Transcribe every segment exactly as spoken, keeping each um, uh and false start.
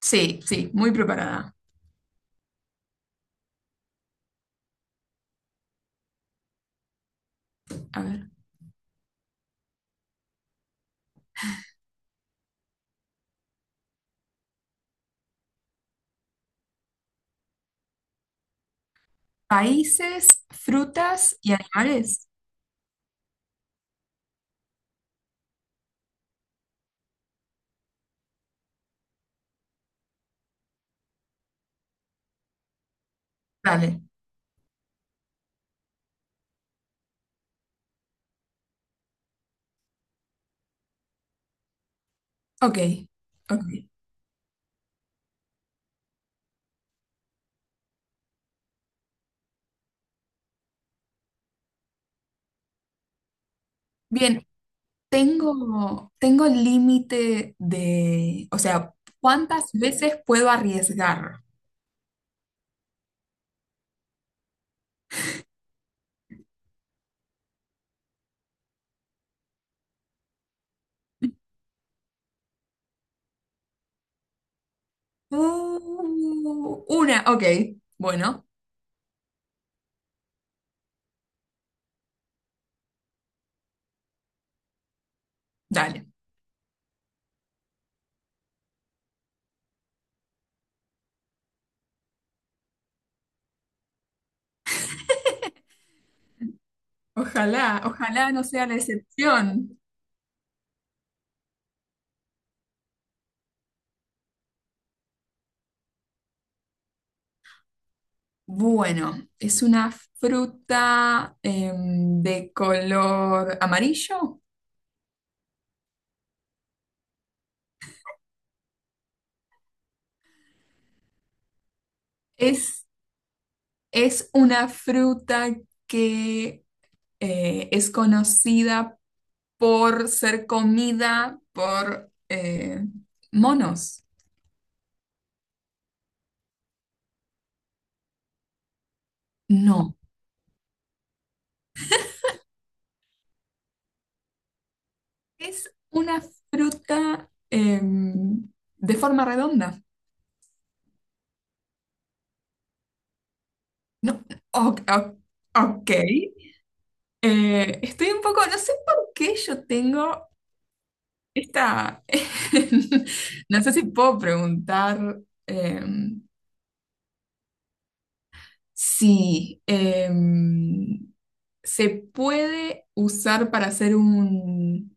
Sí, sí, muy preparada. A ver. Países, frutas y animales. Dale. Ok, ok. Bien, tengo, tengo el límite de, o sea, ¿cuántas veces puedo arriesgar? Uh, una, ok. Bueno, dale. Ojalá, ojalá no sea la excepción. Bueno, es una fruta em, de color amarillo. Es Es una fruta que eh, es conocida por ser comida por eh, monos. No, es una fruta em, de forma redonda. No, o- o- ok. Eh, estoy un poco, no sé por qué yo tengo esta, no sé si puedo preguntar em, si... em, se puede usar para hacer un,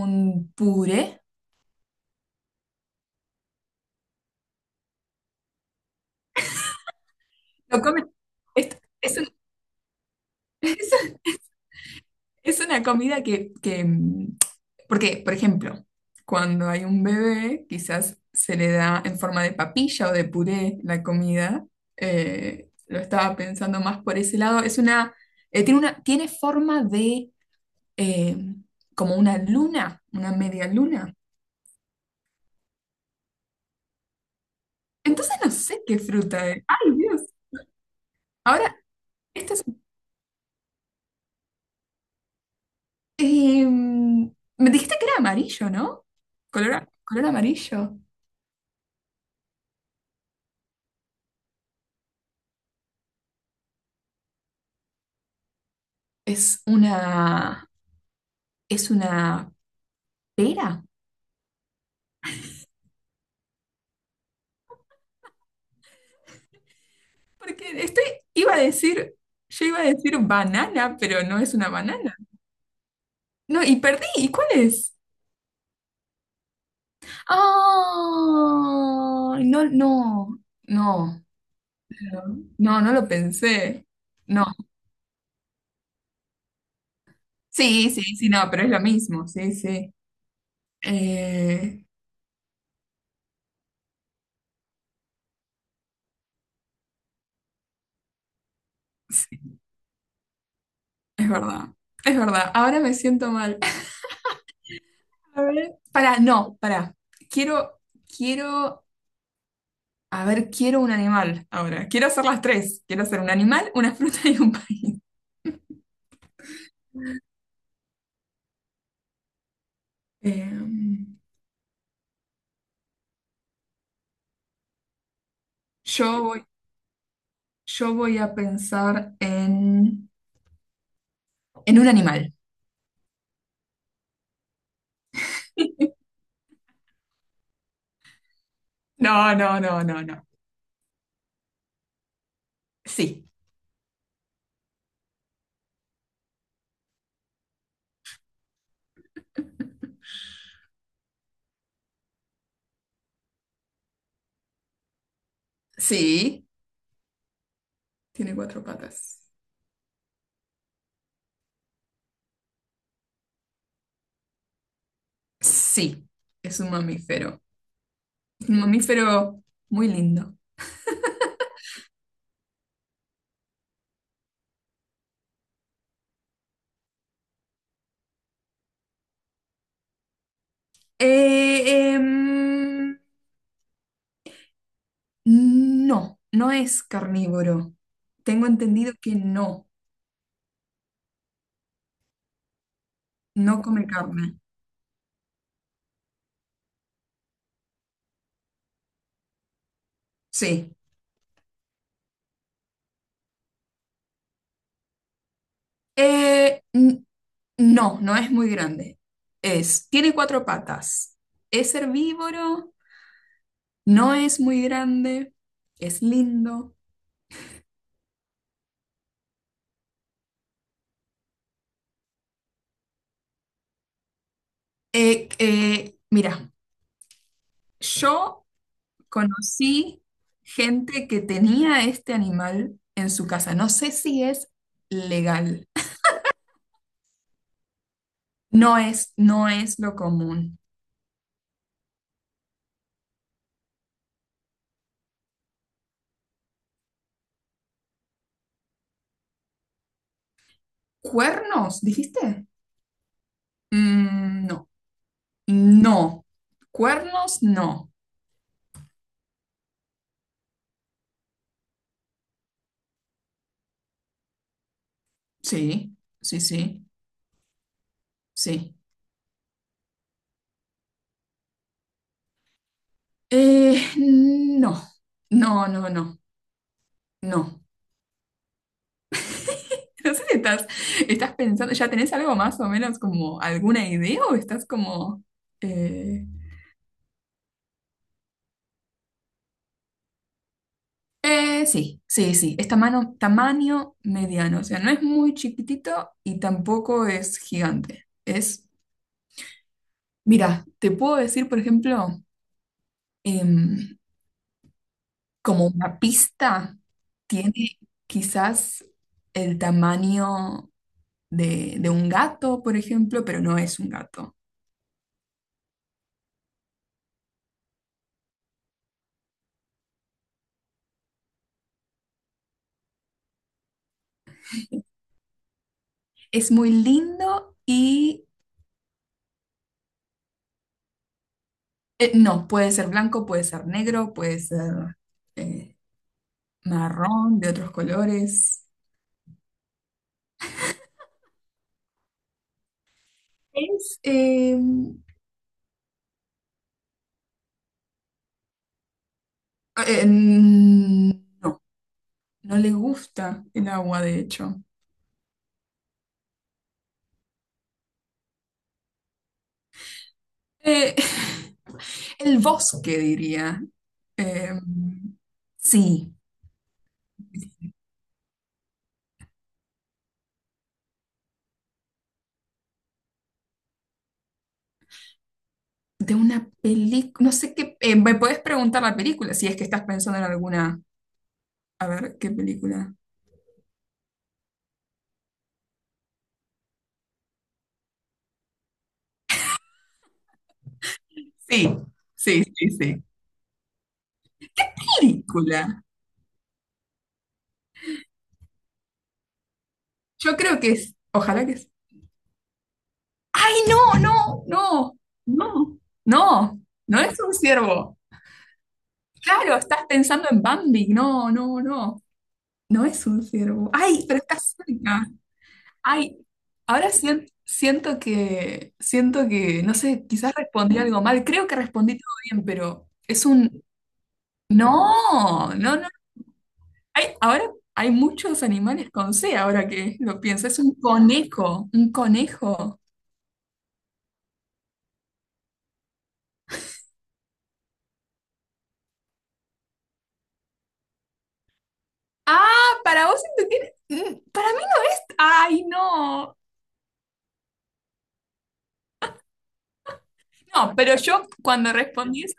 un puré. Lo come- es, es un- es es una comida que, que, mm, porque, por ejemplo, cuando hay un bebé, quizás se le da en forma de papilla o de puré la comida. Eh, lo estaba pensando más por ese lado. Es una, eh, tiene una, tiene forma de eh, como una luna, una media luna. Entonces no sé qué fruta es. ¡Ay, Dios! Ahora, esta es Em, me dijiste que era amarillo, ¿no? Color, color amarillo. Es una, es una pera. Porque estoy, iba a decir, yo iba a decir banana, pero no es una banana. No, y perdí. ¿Y cuál es? Ah, no, no, no, no, no lo pensé. No. Sí, sí, sí, no, pero es lo mismo. Sí, sí. Eh, sí, es verdad. Es verdad. Ahora me siento mal. A ver, para, no, para. Quiero, quiero, a ver, quiero un animal ahora. Quiero hacer las tres. Quiero hacer un animal, una fruta y un país. Eh, yo voy, yo voy a pensar en, en un animal. No, no, no, no, no. Sí, sí. Tiene cuatro patas. Sí, es un mamífero. Un mamífero muy lindo. Eh, em, No, no es carnívoro. Tengo entendido que no, no come carne. Sí. Eh, n- no, no es muy grande. Es, tiene cuatro patas. Es herbívoro, no es muy grande, es lindo. Eh, eh, mira, yo conocí gente que tenía este animal en su casa. No sé si es legal. No es, no es lo común. ¿Cuernos, dijiste? Mm, no, no. Cuernos, no. Sí, sí, sí, sí. Eh, no, no, no, no, no. No sé si estás, estás pensando, ¿ya tenés algo más o menos como alguna idea o estás como... eh, eh, sí, sí, sí, es tamaño, tamaño mediano, o sea, no es muy chiquitito y tampoco es gigante. Es, mira, te puedo decir, por ejemplo, em, como una pista, tiene quizás el tamaño de, de un gato, por ejemplo, pero no es un gato. Es muy lindo y eh, no, puede ser blanco, puede ser negro, puede ser eh, marrón, de otros colores. Es, eh, eh, no, no le gusta el agua, de hecho. Eh, el bosque, diría. Eh, sí. De una película, no sé qué, eh, me puedes preguntar la película si es que estás pensando en alguna, a ver, ¿qué película? Sí, sí, sí, sí. Película. Yo creo que es, ojalá que es. ¡Ay, no, no, no, no, no! No es un ciervo. Claro, estás pensando en Bambi. No, no, no. No es un ciervo. ¡Ay, pero estás cerca! ¡Ay! Ahora sien- siento que, siento que, no sé, quizás respondí algo mal. Creo que respondí todo bien, pero es un... No, no, no. Hay, ahora hay muchos animales con C, ahora que lo pienso. Es un conejo, un conejo. Ah, para vos esto tiene- mm, Para mí no es. Ay, no. No, pero yo cuando respondí eso.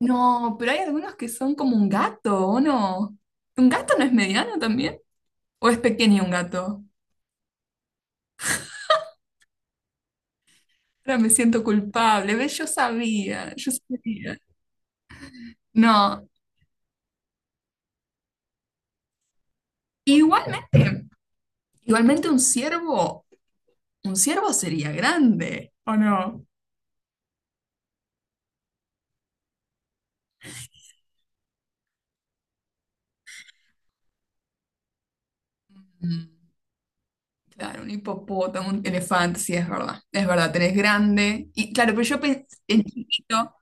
No, pero hay algunos que son como un gato, ¿o no? ¿Un gato no es mediano también? ¿O es pequeño un gato? Ahora me siento culpable. ¿Ves? Yo sabía, yo sabía. No, igualmente, igualmente un ciervo. Un ciervo sería grande, ¿o no? Mm, claro, un hipopótamo, un elefante, sí, es verdad. Es verdad, tenés grande. Y claro, pero yo pensé en chiquito.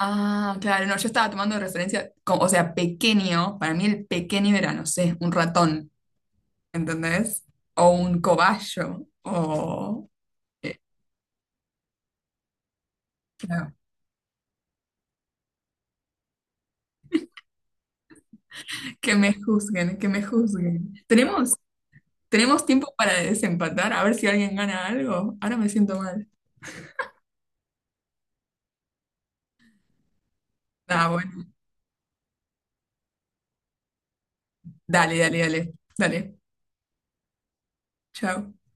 Ah, claro, no, yo estaba tomando de referencia, como- o sea, pequeño. Para mí el pequeño era, no sé, un ratón, ¿entendés? O un cobayo, o... eh, claro, que me juzguen, que me juzguen. ¿Tenemos, tenemos tiempo para desempatar? A ver si alguien gana algo. Ahora me siento mal. Ah, bueno. Dale, dale, dale. Dale. Chao.